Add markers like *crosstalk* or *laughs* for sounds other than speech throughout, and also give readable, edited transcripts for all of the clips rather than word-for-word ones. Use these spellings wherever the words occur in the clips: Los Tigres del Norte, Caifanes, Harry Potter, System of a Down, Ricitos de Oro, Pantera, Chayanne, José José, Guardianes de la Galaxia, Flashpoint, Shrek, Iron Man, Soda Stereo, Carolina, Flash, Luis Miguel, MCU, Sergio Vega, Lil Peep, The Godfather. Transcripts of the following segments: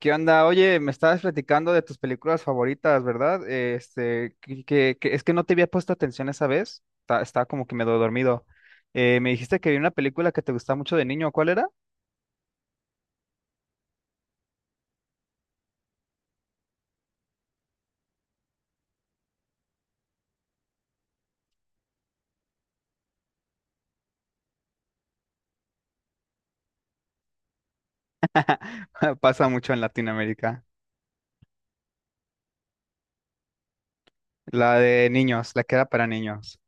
¿Qué onda? Oye, me estabas platicando de tus películas favoritas, ¿verdad? Es que no te había puesto atención esa vez. Estaba como que medio dormido. Me dijiste que vi una película que te gustaba mucho de niño. ¿Cuál era? *laughs* Pasa mucho en Latinoamérica. La de niños, la que era para niños.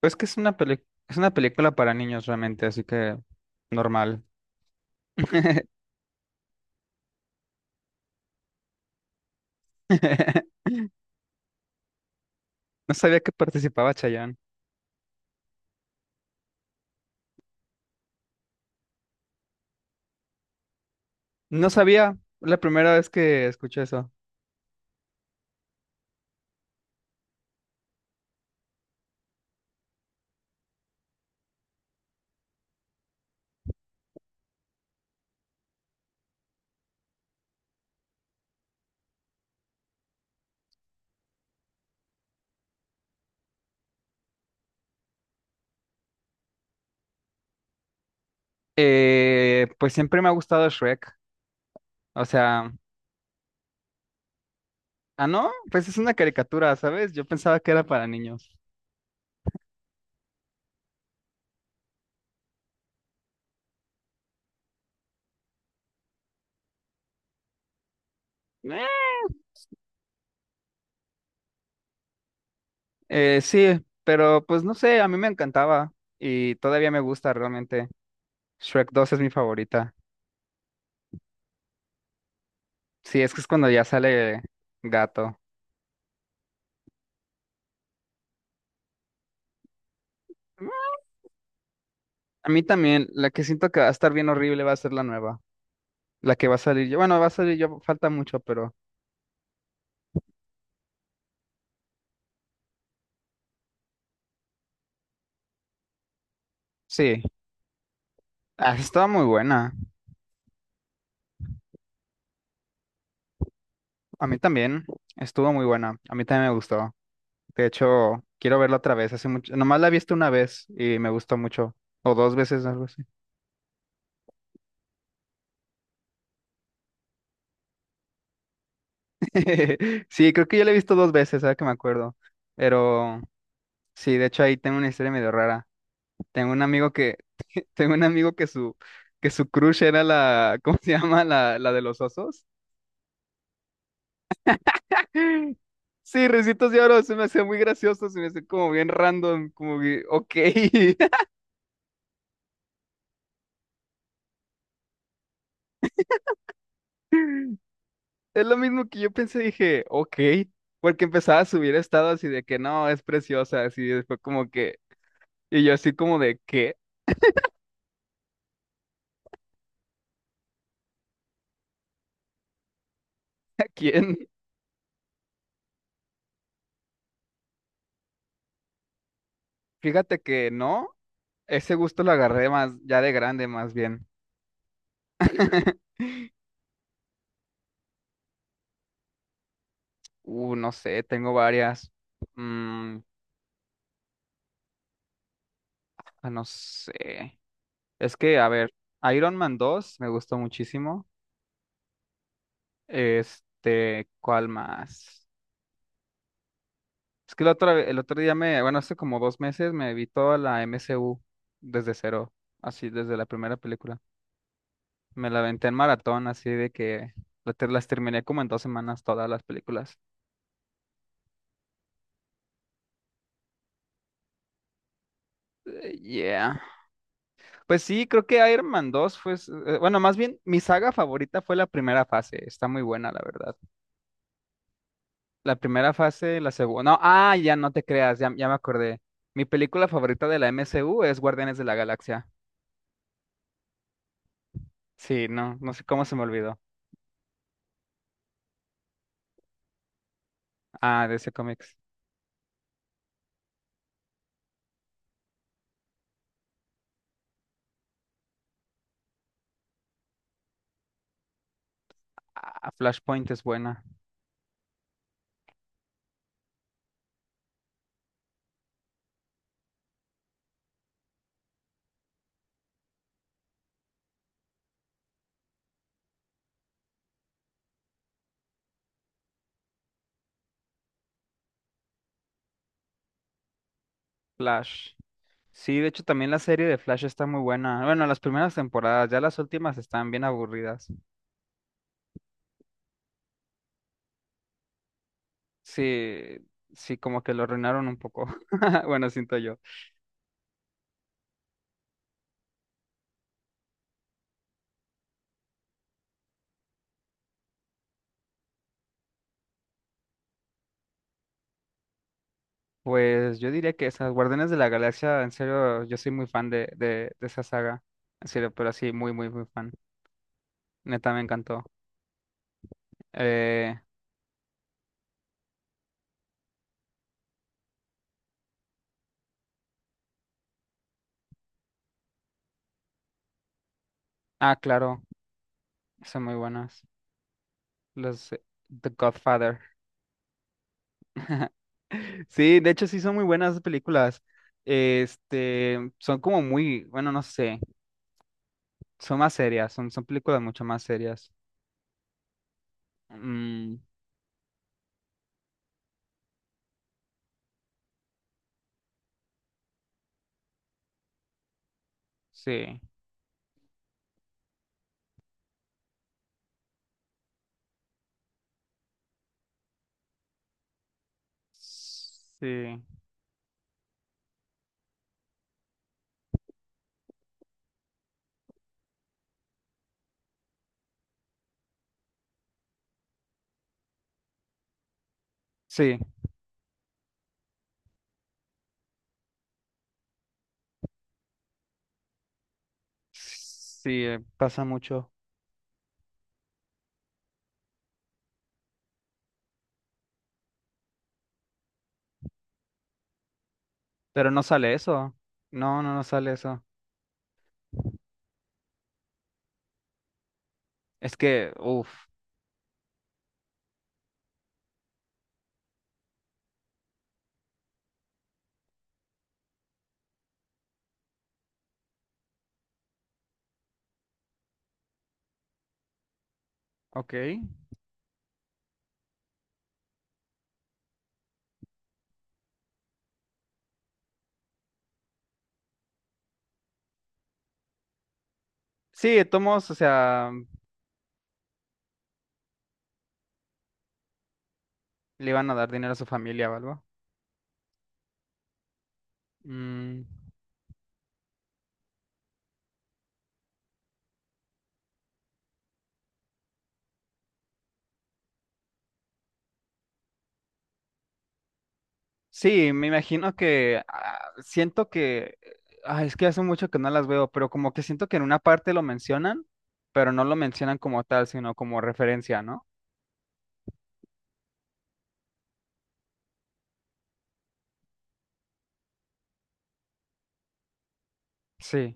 Pues que es es una película para niños realmente, así que normal. *laughs* No sabía que participaba Chayanne. No sabía, la primera vez que escuché eso. Pues siempre me ha gustado Shrek. O sea. Ah, ¿no? Pues es una caricatura, ¿sabes? Yo pensaba que era para niños. Eh, sí, pero pues no sé, a mí me encantaba y todavía me gusta realmente. Shrek 2 es mi favorita. Sí, es que es cuando ya sale gato. A mí también, la que siento que va a estar bien horrible va a ser la nueva. La que va a salir yo. Bueno, va a salir yo, falta mucho, pero sí. Ah, estaba muy buena. A mí también. Estuvo muy buena. A mí también me gustó. De hecho, quiero verla otra vez. Hace mucho, nomás la he visto una vez y me gustó mucho. O dos veces, algo así. *laughs* Sí, creo que yo la he visto dos veces, ahora que me acuerdo. Pero sí, de hecho ahí tengo una historia medio rara. Tengo un amigo que, *laughs* tengo un amigo que su crush era la, *laughs* ¿cómo se llama? La de los osos. *laughs* Sí, Ricitos de Oro, se me hacía muy gracioso, se me hacía como bien random, como que, ok. *laughs* Es lo mismo que yo pensé, dije, ok, porque empezaba a subir estados así de que no, es preciosa, así después como que, y yo así como de, ¿qué? *laughs* ¿A quién? Fíjate que no, ese gusto lo agarré más, ya de grande más bien. *laughs* No sé, tengo varias. Mm, no sé. Es que, a ver, Iron Man 2 me gustó muchísimo. Este, ¿cuál más? Es que el otro día me, bueno, hace como 2 meses me vi toda la MCU desde cero, así desde la primera película. Me la aventé en maratón, así de que las terminé como en 2 semanas todas las películas. Yeah. Pues sí, creo que Iron Man 2 fue, bueno, más bien mi saga favorita fue la primera fase, está muy buena, la verdad. La primera fase, la segunda, no, ah, ya no te creas, ya, ya me acordé. Mi película favorita de la MCU es Guardianes de la Galaxia. Sí, no, no sé cómo se me olvidó. Ah, de ese cómics. Ah, Flashpoint es buena. Flash. Sí, de hecho también la serie de Flash está muy buena. Bueno, las primeras temporadas, ya las últimas están bien aburridas. Sí, sí, como que lo arruinaron un poco. *laughs* Bueno, siento yo. Pues yo diría que esas Guardianes de la Galaxia, en serio, yo soy muy fan de esa saga. En serio, pero así, muy, muy, muy fan. Neta, me encantó. Eh, ah, claro, son muy buenas. Los The Godfather. Sí, de hecho sí son muy buenas esas películas. Este, son como muy, bueno, no sé, son más serias, son, son películas mucho más serias. Mm, sí, sí, sí, sí, pasa mucho. Pero no sale eso. No, no, no sale eso. Es que, uff, ok. Sí, de todos modos, o sea, le iban a dar dinero a su familia o algo. Mm, sí, me imagino que siento que, es que hace mucho que no las veo, pero como que siento que en una parte lo mencionan, pero no lo mencionan como tal, sino como referencia, ¿no? Sí.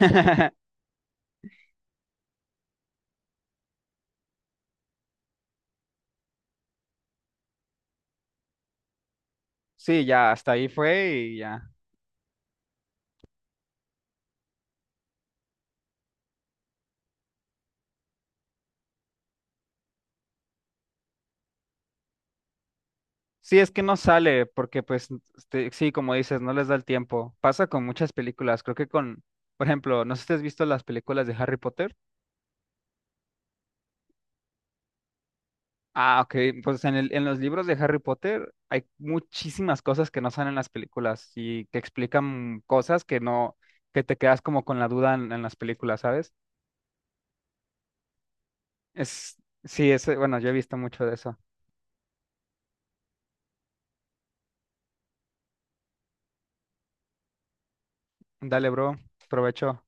*laughs* Sí, ya, hasta ahí fue y ya. Sí, es que no sale porque pues este, sí, como dices, no les da el tiempo. Pasa con muchas películas, creo que con, por ejemplo, no sé si has visto las películas de Harry Potter. Ah, ok. Pues en el, en los libros de Harry Potter hay muchísimas cosas que no salen en las películas y que explican cosas que no, que te quedas como con la duda en las películas, ¿sabes? Es, sí, es, bueno, yo he visto mucho de eso. Dale, bro, provecho.